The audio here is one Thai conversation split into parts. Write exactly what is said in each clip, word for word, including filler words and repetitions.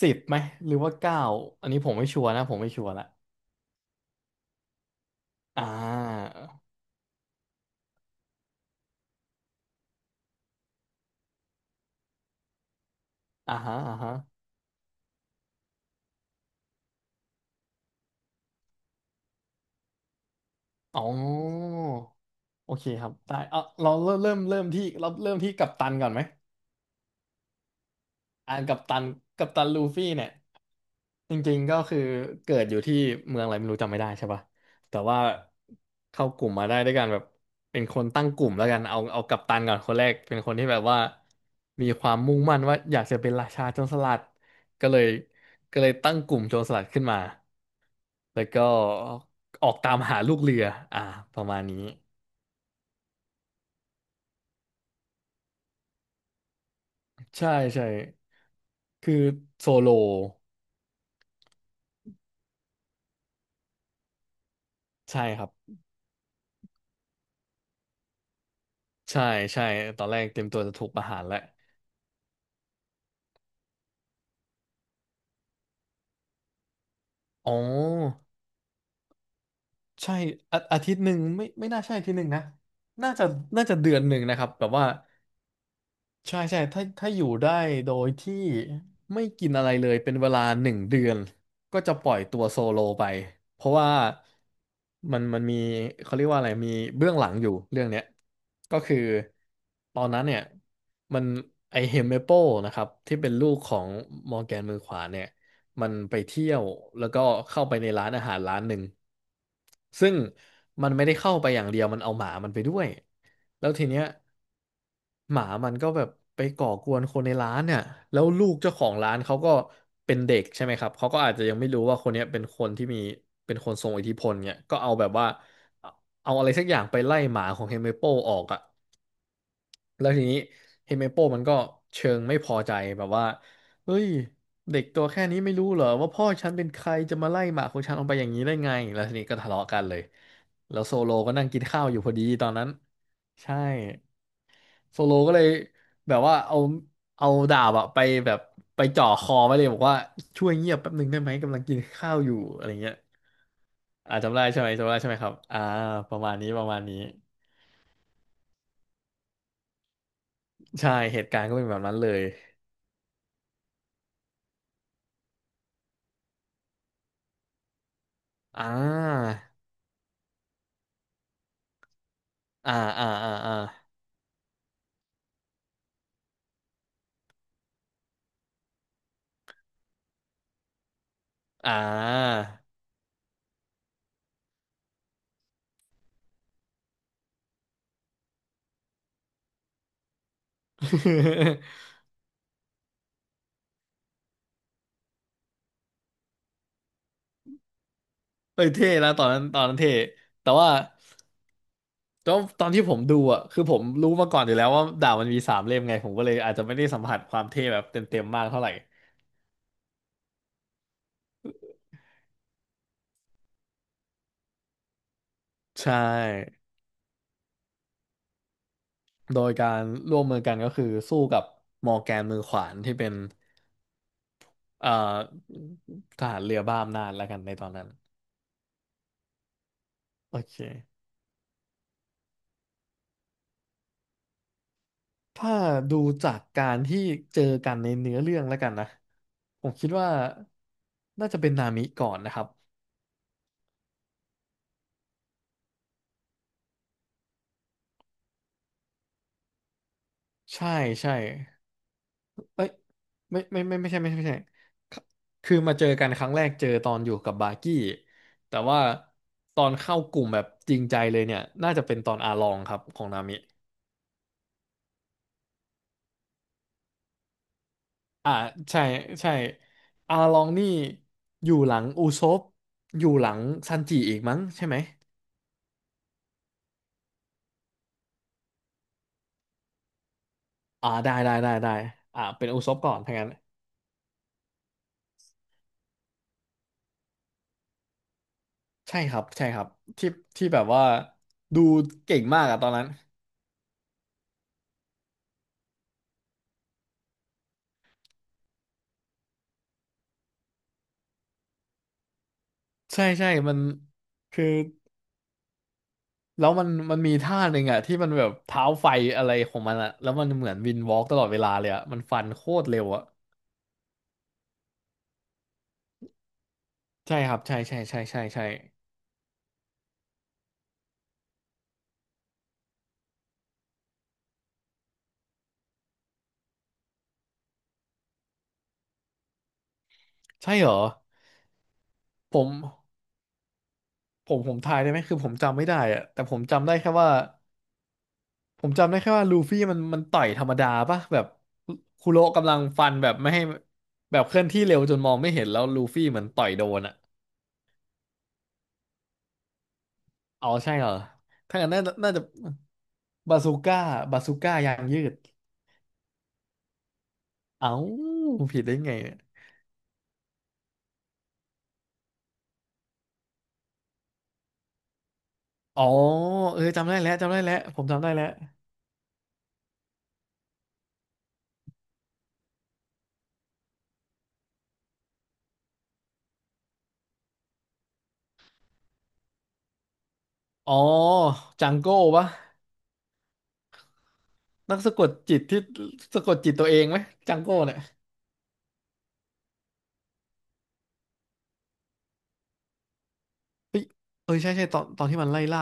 สิบไหมหรือว่าเก้าอันนี้ผมไม่ชัวร์นะผมไม่ชัวร์ละอ่าอ่าฮะอ่าฮะอ๋อโอเคครับได้เอาเราเริ่มเริ่มเริ่มที่เราเริ่มที่กัปตันก่อนไหมอ่ากัปตันกัปตันลูฟี่เนี่ยจริงๆก็คือเกิดอยู่ที่เมืองอะไรไม่รู้จำไม่ได้ใช่ปะแต่ว่าเข้ากลุ่มมาได้ด้วยกันแบบเป็นคนตั้งกลุ่มแล้วกันเอาเอากัปตันก่อนคนแรกเป็นคนที่แบบว่ามีความมุ่งมั่นว่าอยากจะเป็นราชาโจรสลัดก็เลยก็เลยตั้งกลุ่มโจรสลัดขึ้นมา แล้วก็ออกตามหาลูกเรืออ่าประมาณนี้ใช่ใช่คือโซโลใช่ครับใช่ใช่ตอนแรกเตรียมตัวจะถูกประหารแล้วอ๋อใช่อาอาทิตย์หนึ่งไม่ไม่น่าใช่อาทิตย์หนึ่งนะน่าจะน่าจะเดือนหนึ่งนะครับแบบว่า ใช่ใช่ถ้าถ้าอยู่ได้โดยที่ไม่กินอะไรเลยเป็นเวลาหนึ่งเดือนก็จะปล่อยตัวโซโลไปเพราะว่ามันมันมีเขาเรียกว่าอะไรมีเบื้องหลังอยู่เรื่องเนี้ยก็คือตอนนั้นเนี่ยมันไอเฮมเมเปลนะครับที่เป็นลูกของมอร์แกนมือขวาเนี่ย มันไปเที่ยวแล้วก็เข้าไปในร้านอาหารร้านหนึ่งซึ่งมันไม่ได้เข้าไปอย่างเดียวมันเอาหมามันไปด้วยแล้วทีเนี้ยหมามันก็แบบไปก่อกวนคนในร้านเนี่ยแล้วลูกเจ้าของร้านเขาก็เป็นเด็กใช่ไหมครับเขาก็อาจจะยังไม่รู้ว่าคนเนี้ยเป็นคนที่มีเป็นคนทรงอิทธิพลเนี่ยก็เอาแบบว่าเอาอะไรสักอย่างไปไล่หมาของเฮเมโปออกอ่ะ แล้วทีนี้เฮเมโปมันก็เชิงไม่พอใจแบบว่าเฮ้ยเด็กตัวแค่นี้ไม่รู้เหรอว่าพ่อฉันเป็นใครจะมาไล่หมาของฉันออกไปอย่างนี้ได้ไงแล้วทีนี้ก็ทะเลาะกันเลยแล้วโซโลก็นั่งกินข้าวอยู่พอดีตอนนั้นใช่โซโลก็เลยแบบว่าเอาเอาดาบอะไปแบบไปจ่อคอไว้เลยบอกว่าช่วยเงียบแป๊บหนึ่งได้ไหมกำลังกินข้าวอยู่อะไรเงี้ยอ่าจำได้ใช่ไหมจำได้ใช่ไหมครับอ่าประมาณนี้ประมาณนี้ใช่เหตุการณ์ก็เป็นแบบนั้นเลยอ่า อ่าอ่าอ่าอ่าอ่า เฮ้ยเท่นะตอนนั้นตอนนั้นเท่แต่ว่าตอนตอนที่ผมดูอ่ะคือผมรู้มาก่อนอยู่แล้วว่าดาบมันมีสามเล่มไงผมก็เลยอาจจะไม่ได้สัมผัสความเท่แบบเต็มๆมากเท่าไหร่ใช่โดยการร่วมมือกันก็คือสู้กับมอร์แกนมือขวานที่เป็นเอ่อทหารเรือบ้าอำนาจแล้วกันในตอนนั้นโอเค ถ้าดูจากการที่เจอกันในเนื้อเรื่องแล้วกันนะผมคิดว่าน่าจะเป็นนามิก่อนนะครับใช่ใช่เอ้ยไม่ไม่ไม่ไม่ใช่ไม่ใช่ไม่ใช่คคือมาเจอกันครั้งแรกเจอตอนอยู่กับบาร์กี้แต่ว่าตอนเข้ากลุ่มแบบจริงใจเลยเนี่ยน่าจะเป็นตอนอาลองครับของนามิอ่าใช่ใช่อาลองนี่อยู่หลังอุซปอยู่หลังซันจิอีกมั้งใช่ไหมอ่าได้ได้ได้ได้อ่าเป็นอุซปก่อนถ้างั้น ใช่ครับใช่ครับที่ที่แบบว่าดูเก่งมากอะตอนนั้นใช่ใช่มันคือแล้วมันมันมีท่าหนึ่งอะที่มันแบบเท้าไฟอะไรของมันอะแล้วมันเหมือนวินวอล์กตลอดเวลาเลยอะมันฟันโคตรเร็วอะใช่ครับใช่ใช่ใช่ใช่ใช่ใช่เหรอผมผมผมทายได้ไหมคือผมจำไม่ได้อะแต่ผมจำได้แค่ว่าผมจำได้แค่ว่าลูฟี่มันมันต่อยธรรมดาปะแบบคุโระกำลังฟันแบบไม่ให้แบบเคลื่อนที่เร็วจนมองไม่เห็นแล้วลูฟี่เหมือนต่อยโดนอะ อ๋อใช่เหรอถ้างั้นน่าจะน่าจะบาซูก้าบาซูก้ายางยืดเอ้าผิดได้ไงเนี่ยอ๋อเออจำได้แล้วจำได้แล้วผมจำได้แล้วอ๋อจังโก้ปะนักสะกดจิตที่สะกดจิตตัวเองไหมจังโก้เนี่ยเออใช่ใช่ตอนตอนที่มันไล่ล่า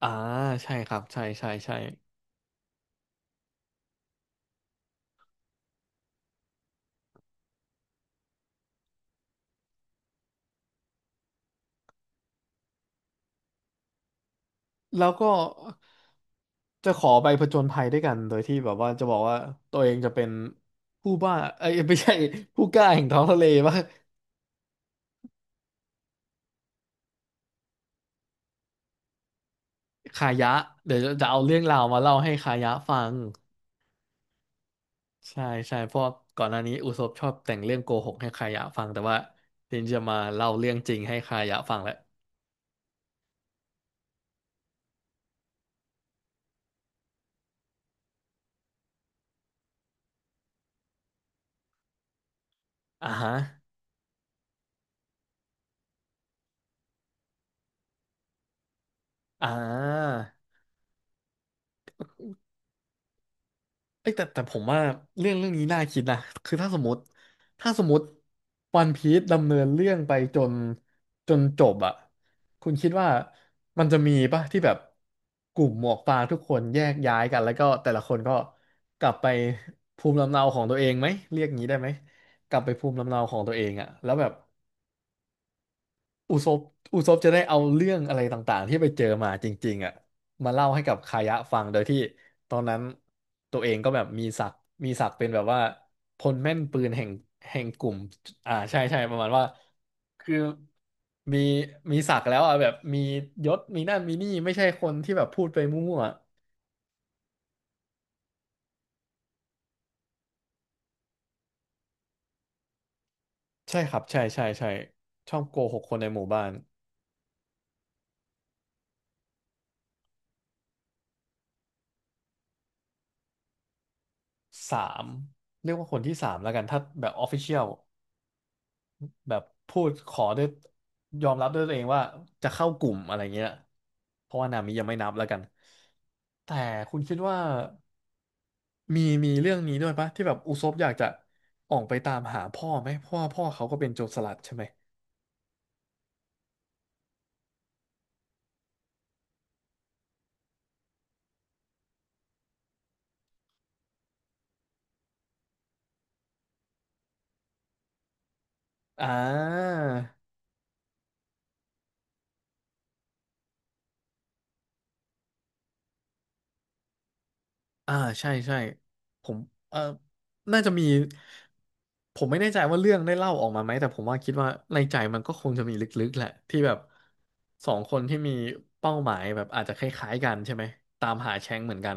อ่าใช่ครับใช่ใช่ใช่แล้วก็จะขอไปผจญภัยด้วยกันโดยที่แบบว่าจะบอกว่าตัวเองจะเป็นผู้บ้าเอ้ยไม่ใช่ผู้กล้าแห่งท้องทะเลปะ คายะเดี๋ยวจะเอาเรื่องราวมาเล่าให้คายะฟังใช่ใช่เพราะก่อนหน้านี้อุศบชอบแต่งเรื่องโกหกให้คายะฟังแต่ว่าเดียวจะมาเล่าเรื่องจริงให้คายะฟังแหละอ่าฮะอ่า เอ้ยแต่แต่ผมว่าเรื่องเรื่องนี้น่าคิดนะคือถ้าสมมติถ้าสมมติวันพีซดำเนินเรื่องไปจนจนจบอ่ะคุณคิดว่ามันจะมีป่ะที่แบบกลุ่มหมวกฟางทุกคนแยกย้ายกันแล้วก็แต่ละคนก็กลับไปภูมิลำเนาของตัวเองไหมเรียกงี้ได้ไหมกลับไปภูมิลำเนาของตัวเองอ่ะแล้วแบบ อุซบอุซบจะได้เอาเรื่องอะไรต่างๆที่ไปเจอมาจริงๆอ่ะมาเล่าให้กับคายะฟังโดยที่ตอนนั้นตัวเองก็แบบมีศักดิ์มีศักดิ์เป็นแบบว่าพลแม่นปืนแห่งแห่งกลุ่มอ่าใช่ใช่ประมาณว่าคือมีมีศักดิ์แล้วอ่ะแบบมียศมีนั่นมีนี่ไม่ใช่คนที่แบบพูดไปมั่วๆใช่ครับใช่ใช่ใช่ชอบโกหกคนในหมู่บ้านสามเรียกว่าคนที่สามแล้วกันถ้าแบบออฟฟิเชียล แบบพูดขอด้วยยอมรับด้วยตัวเองว่าจะเข้ากลุ่มอะไรเงี้ยเพราะว่านามิยังไม่นับแล้วกัน แต่คุณคิดว่ามีมีเรื่องนี้ด้วยปะที่แบบอุซบอยากจะออกไปตามหาพ่อไหมเพราะว่าพ่อเขาก็เป็นโจรสลัดใช่ไหมอ่า อ่าใช่ใช่ผมเออน่าจะมีผมไม่แน่ใจว่าเรื่องได้เล่าออกมาไหมแต่ผมว่าคิดว่าในใจมันก็คงจะมีลึกๆแหละที่แบบสองคนที่มีเป้าหมายแบบอาจจะคล้ายๆกันใช่ไหมตามหาแชงเหมือนกัน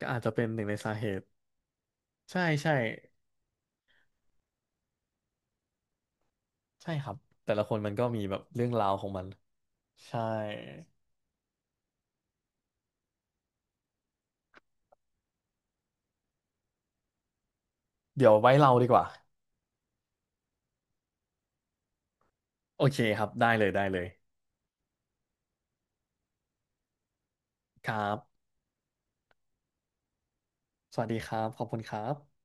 ก็อาจจะเป็นหนึ่งในสาเหตุใช่ใช่ใช่ครับแต่ละคนมันก็มีแบบเรื่องราวของมันใช่เดี๋ยวไว้เราดีกว่าโอเคครับได้เลยได้เลยครับสวัสดีครับขอบคุณครับ